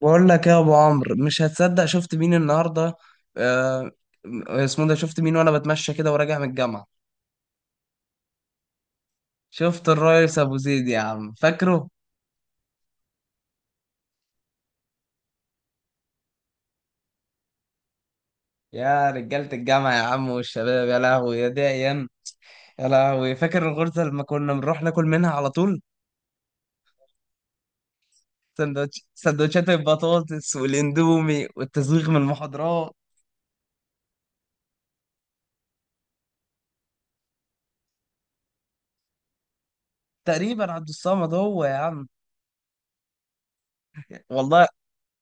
بقول لك إيه يا ابو عمرو، مش هتصدق شفت مين النهارده. آه، اسمه ده، شفت مين وانا بتمشى كده وراجع من الجامعه. شفت الريس ابو زيد يا عم فاكره. يا رجاله الجامعه يا عم والشباب، يا لهوي يا دي ايام. يا لهوي فاكر الغرزه لما كنا بنروح ناكل منها على طول. سندوتش سندوتشات البطاطس والاندومي والتزويغ من المحاضرات. تقريبا عبد الصمد هو يا عم. والله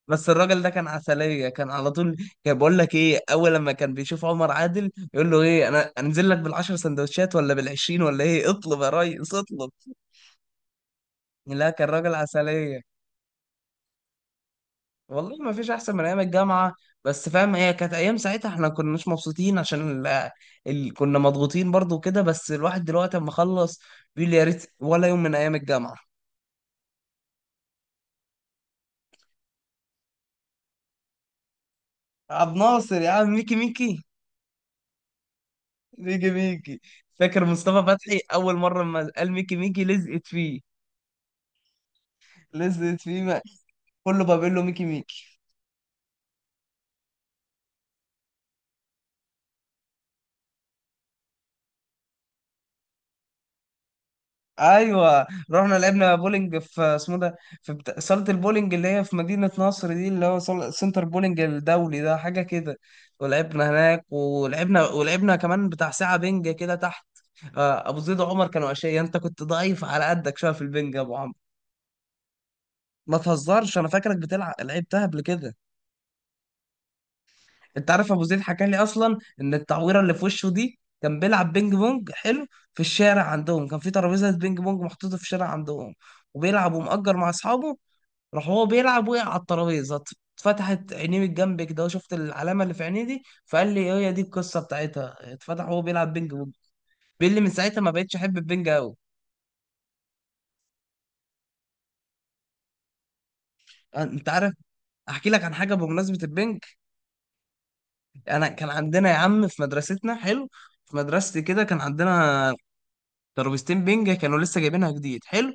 بس الراجل ده كان عسلية، كان على طول كان بقول لك ايه، اول لما كان بيشوف عمر عادل يقول له ايه، انا انزل لك بالعشر سندوتشات ولا بالعشرين ولا ايه، اطلب يا ريس اطلب. لا كان راجل عسلية. والله ما فيش احسن من ايام الجامعة. بس فاهم، هي كانت ايام ساعتها احنا كناش مبسوطين عشان كنا مضغوطين برضو وكده، بس الواحد دلوقتي اما خلص بيقول يا ريت ولا يوم من ايام الجامعة. عبد ناصر يا عم، ميكي ميكي. ميكي ميكي. فاكر مصطفى فتحي اول مرة لما قال ميكي ميكي لزقت فيه. لسه في ما- كله بابيلو ميكي ميكي. ايوه رحنا لعبنا بولينج في اسمه ده، صاله البولينج اللي هي في مدينه نصر دي، اللي هو سنتر بولينج الدولي ده حاجه كده. ولعبنا هناك ولعبنا، ولعبنا كمان بتاع ساعه بنج كده تحت. آه، ابو زيد وعمر كانوا اشياء، انت كنت ضعيف على قدك شويه في البنج يا ابو عمرو. ما تهزرش، انا فاكرك بتلعب لعبتها قبل كده. انت عارف ابو زيد حكى لي اصلا ان التعويره اللي في وشه دي، كان بيلعب بينج بونج حلو في الشارع عندهم، كان في ترابيزه بينج بونج محطوطه في الشارع عندهم، وبيلعب ومأجر مع اصحابه. راح هو بيلعب وقع على الترابيزه، اتفتحت عينيه من جنب كده، وشفت العلامه اللي في عينيه دي، فقال لي هي دي القصه بتاعتها، اتفتح وهو بيلعب بينج بونج. بيقول لي من ساعتها ما بقتش احب البينج قوي. انت عارف احكي لك عن حاجه بمناسبه البنك. انا كان عندنا يا عم في مدرستنا حلو، في مدرستي كده كان عندنا ترابيزتين بينج كانوا لسه جايبينها جديد حلو،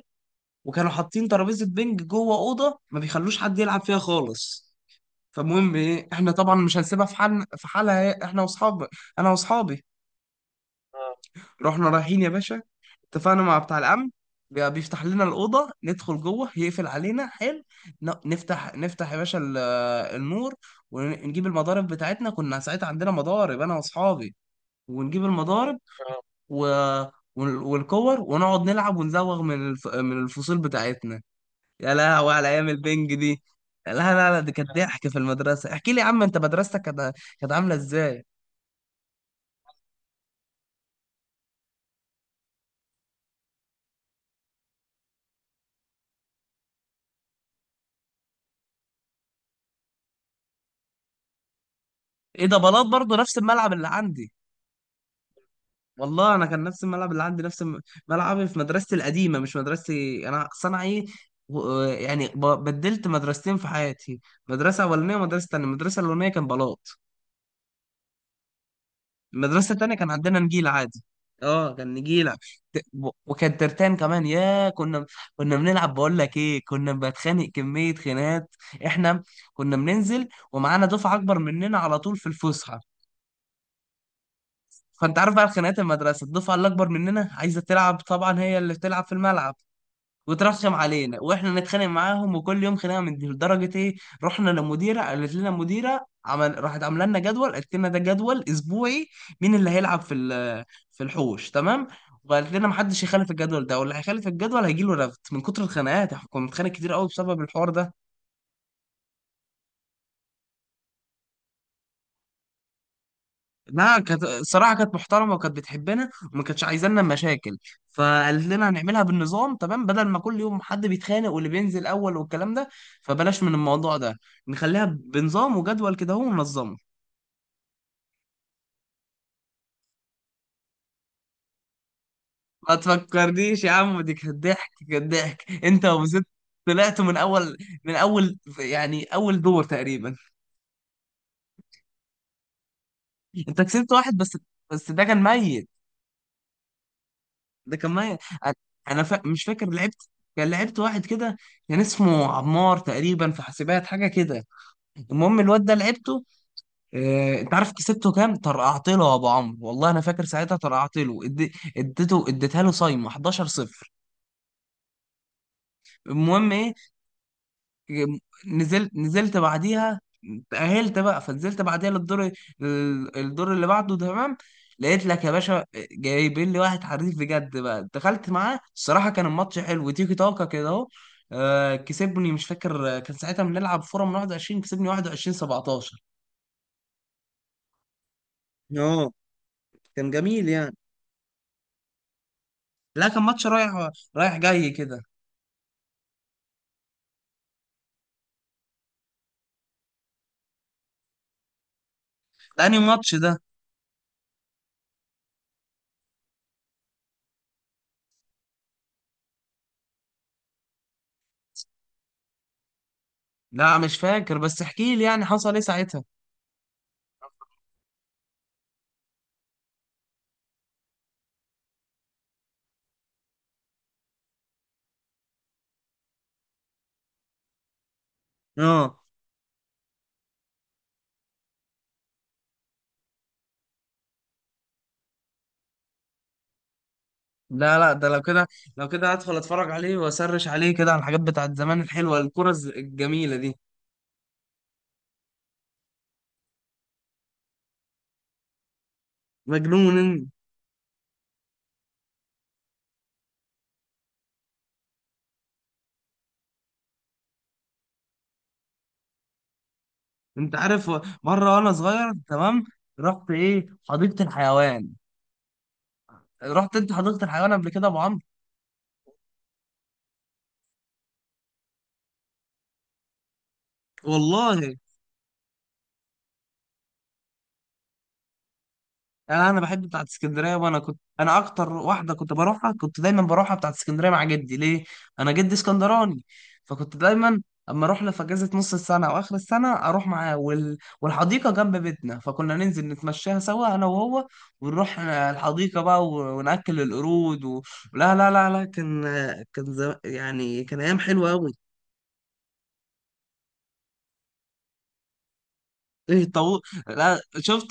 وكانوا حاطين ترابيزه بينج جوه اوضه ما بيخلوش حد يلعب فيها خالص. فالمهم ايه، احنا طبعا مش هنسيبها في حال في حالها إيه، احنا واصحاب، انا واصحابي رحنا رايحين يا باشا، اتفقنا مع بتاع الامن، بيفتح لنا الاوضه ندخل جوه يقفل علينا حلو، نفتح يا باشا النور، ونجيب المضارب بتاعتنا، كنا ساعتها عندنا مضارب انا واصحابي، ونجيب المضارب و... والكور ونقعد نلعب ونزوغ من من الفصول بتاعتنا. يا لهوي على ايام البنج دي. لا لا لا، دي كانت ضحك في المدرسه. احكي لي يا عم انت مدرستك كانت، كانت عامله ازاي. ايه ده بلاط برضه نفس الملعب اللي عندي؟ والله انا كان نفس الملعب اللي عندي، نفس ملعبي في مدرستي القديمه، مش مدرستي انا صنع ايه، يعني بدلت مدرستين في حياتي، مدرسه اولانيه ومدرسه تانيه. المدرسه الاولانيه كان بلاط، المدرسة التانية كان عندنا نجيلة عادي. اه كان نجيلة. وكان ترتان كمان، يا كنا كنا بنلعب بقول لك ايه، كنا بنتخانق كمية خناقات احنا. كنا بننزل ومعانا دفعة أكبر مننا على طول في الفسحة، فأنت عارف بقى خناقات المدرسة، الدفعة اللي أكبر مننا عايزة تلعب طبعا هي اللي بتلعب في الملعب، وترشم علينا واحنا نتخانق معاهم، وكل يوم خناقه من دي لدرجه ايه، رحنا لمديره، قالت لنا مديره عمل، راحت عامله لنا جدول، قالت لنا ده جدول اسبوعي مين اللي هيلعب في الحوش تمام، وقالت لنا محدش يخالف الجدول ده، واللي هيخالف الجدول هيجي له رفد. من كتر الخناقات احنا كنا بنتخانق كتير قوي بسبب الحوار ده. لا كانت الصراحه كانت محترمه وكانت بتحبنا وما كانتش عايزانا مشاكل، فقالت لنا هنعملها بالنظام تمام، بدل ما كل يوم حد بيتخانق واللي بينزل اول والكلام ده، فبلاش من الموضوع ده، نخليها بنظام وجدول كده اهو وننظمه. ما تفكرنيش يا عم، دي كانت ضحك كانت ضحك، انت وزيد طلعت من اول، يعني اول دور تقريبا. انت كسبت واحد بس، بس ده كان ميت، ده كان معايا. مش فاكر لعبت، كان لعبت واحد كده، كان اسمه عمار تقريبا في حاسبات حاجه كده. المهم الواد ده لعبته، انت عارف كسبته كام؟ طرقعت له يا ابو عمرو، والله انا فاكر ساعتها طرقعت له اديتها له صايمه 11 صفر. المهم ايه، نزلت بعديها، تأهلت بقى فنزلت بعديها للدور، الدور اللي بعده تمام. لقيت لك يا باشا جايبين لي واحد حريف بجد، بقى دخلت معاه الصراحة كان الماتش حلو، تيكي تاكا كده اهو، آه، كسبني مش فاكر، آه، كان ساعتها بنلعب فورة من 21 كسبني 21 17. اه كان جميل يعني. لا كان ماتش رايح جاي كده. ده انهي ماتش ده؟ لا مش فاكر، بس احكي لي يعني حصل ايه ساعتها. اه. لا لا، ده لو كده، لو كده هدخل اتفرج عليه واسرش عليه كده على الحاجات بتاعت زمان الحلوه، الكره الجميله دي. مجنون. إن- انت عارف مره وانا صغير تمام رحت ايه حديقه الحيوان. رحت انت حديقه الحيوان قبل كده يا ابو عمرو؟ والله. انا بحب بتاعت اسكندريه، وانا كنت انا اكتر واحده كنت بروحها، كنت دايما بروحها بتاعت اسكندريه مع جدي ليه، انا جدي اسكندراني، فكنت دايما اما اروح له في اجازه نص السنه او اخر السنه اروح معاه والحديقه جنب بيتنا، فكنا ننزل نتمشاها سوا انا وهو ونروح الحديقه بقى وناكل القرود لا لا لا لا، كان يعني كان ايام حلوه قوي. ايه طاووس؟ لا شفت،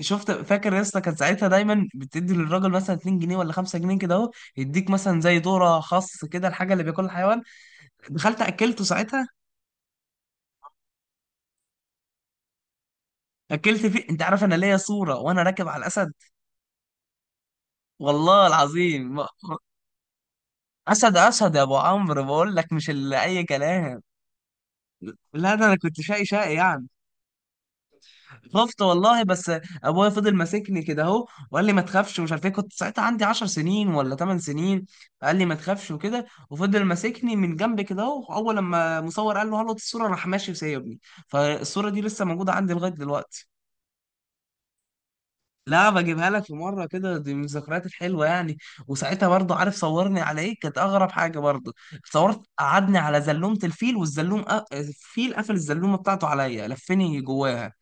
شفت فاكر يا اسطى، كان ساعتها دايما بتدي للراجل مثلا 2 جنيه ولا 5 جنيه كده اهو، يديك مثلا زي دوره خاص كده الحاجه اللي بياكلها الحيوان، دخلت اكلته ساعتها. اكلت فيه، انت عارف انا ليا صوره وانا راكب على الاسد. والله العظيم ما- اسد، اسد، يا ابو عمرو، بقول لك مش اللي اي كلام. لا ده انا كنت شقي شقي يعني. خفت والله بس ابويا فضل ماسكني كده اهو وقال لي ما تخافش ومش عارف ايه، كنت ساعتها عندي 10 سنين ولا 8 سنين. قال لي ما تخافش وكده وفضل ماسكني من جنب كده اهو، اول لما مصور قال له هلط الصوره راح ماشي وسايبني. فالصوره دي لسه موجوده عندي لغايه دلوقتي. لا بجيبها لك في مره كده، دي من الذكريات الحلوه يعني. وساعتها برضه عارف صورني على ايه؟ كانت اغرب حاجه برضه، صورت قعدني على زلومه الفيل، والزلوم الفيل قفل الزلومه بتاعته عليا لفني جواها،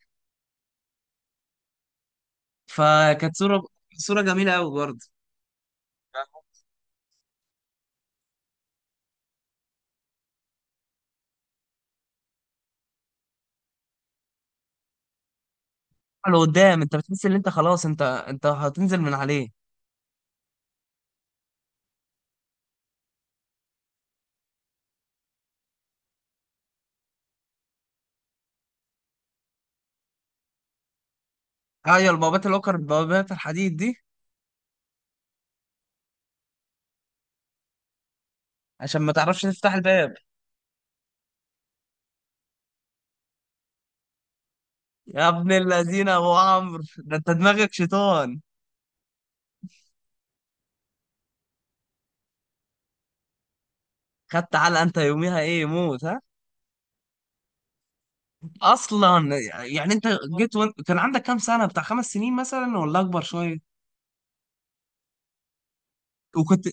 فكانت صوره، صوره جميله قوي برضه. لقدام، انت بتحس ان انت خلاص انت هتنزل من عليه. ايوه البوابات الأوكر، البوابات الحديد دي. عشان ما تعرفش تفتح الباب. يا ابن الذين يا ابو عمرو، ده انت دماغك شيطان. خدت على انت يوميها ايه موت، ها؟ اصلا، يعني انت جيت وانت كان عندك كام سنه؟ بتاع خمس سنين مثلا ولا اكبر شويه؟ وكنت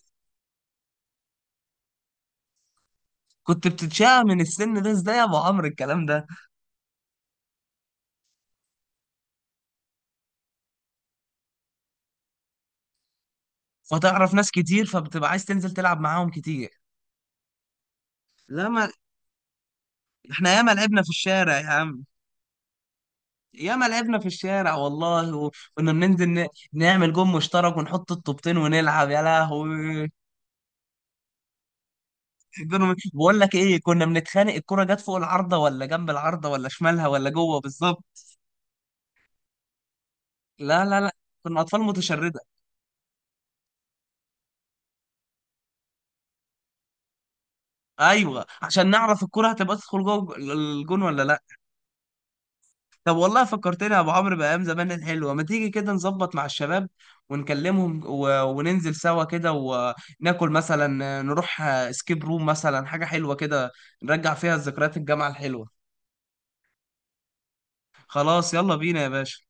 كنت بتتشاء من السن ده ازاي يا ابو عمرو الكلام ده؟ فتعرف ناس كتير، فبتبقى عايز تنزل تلعب معاهم كتير. لا ما احنا ياما لعبنا في الشارع يا عم، ياما لعبنا في الشارع والله. وكنا بننزل نعمل جون مشترك ونحط الطوبتين ونلعب، يا لهوي. بقول لك ايه، كنا بنتخانق الكرة جت فوق العارضة ولا جنب العارضة ولا شمالها ولا جوه بالظبط. لا لا لا، كنا اطفال متشردة. ايوه عشان نعرف الكرة هتبقى تدخل جوه الجون ولا لا. طب والله فكرتني يا ابو عمرو بايام زمان الحلوه، ما تيجي كده نظبط مع الشباب ونكلمهم وننزل سوا كده وناكل، مثلا نروح سكيب روم مثلا حاجه حلوه كده، نرجع فيها ذكريات الجامعه الحلوه. خلاص يلا بينا يا باشا.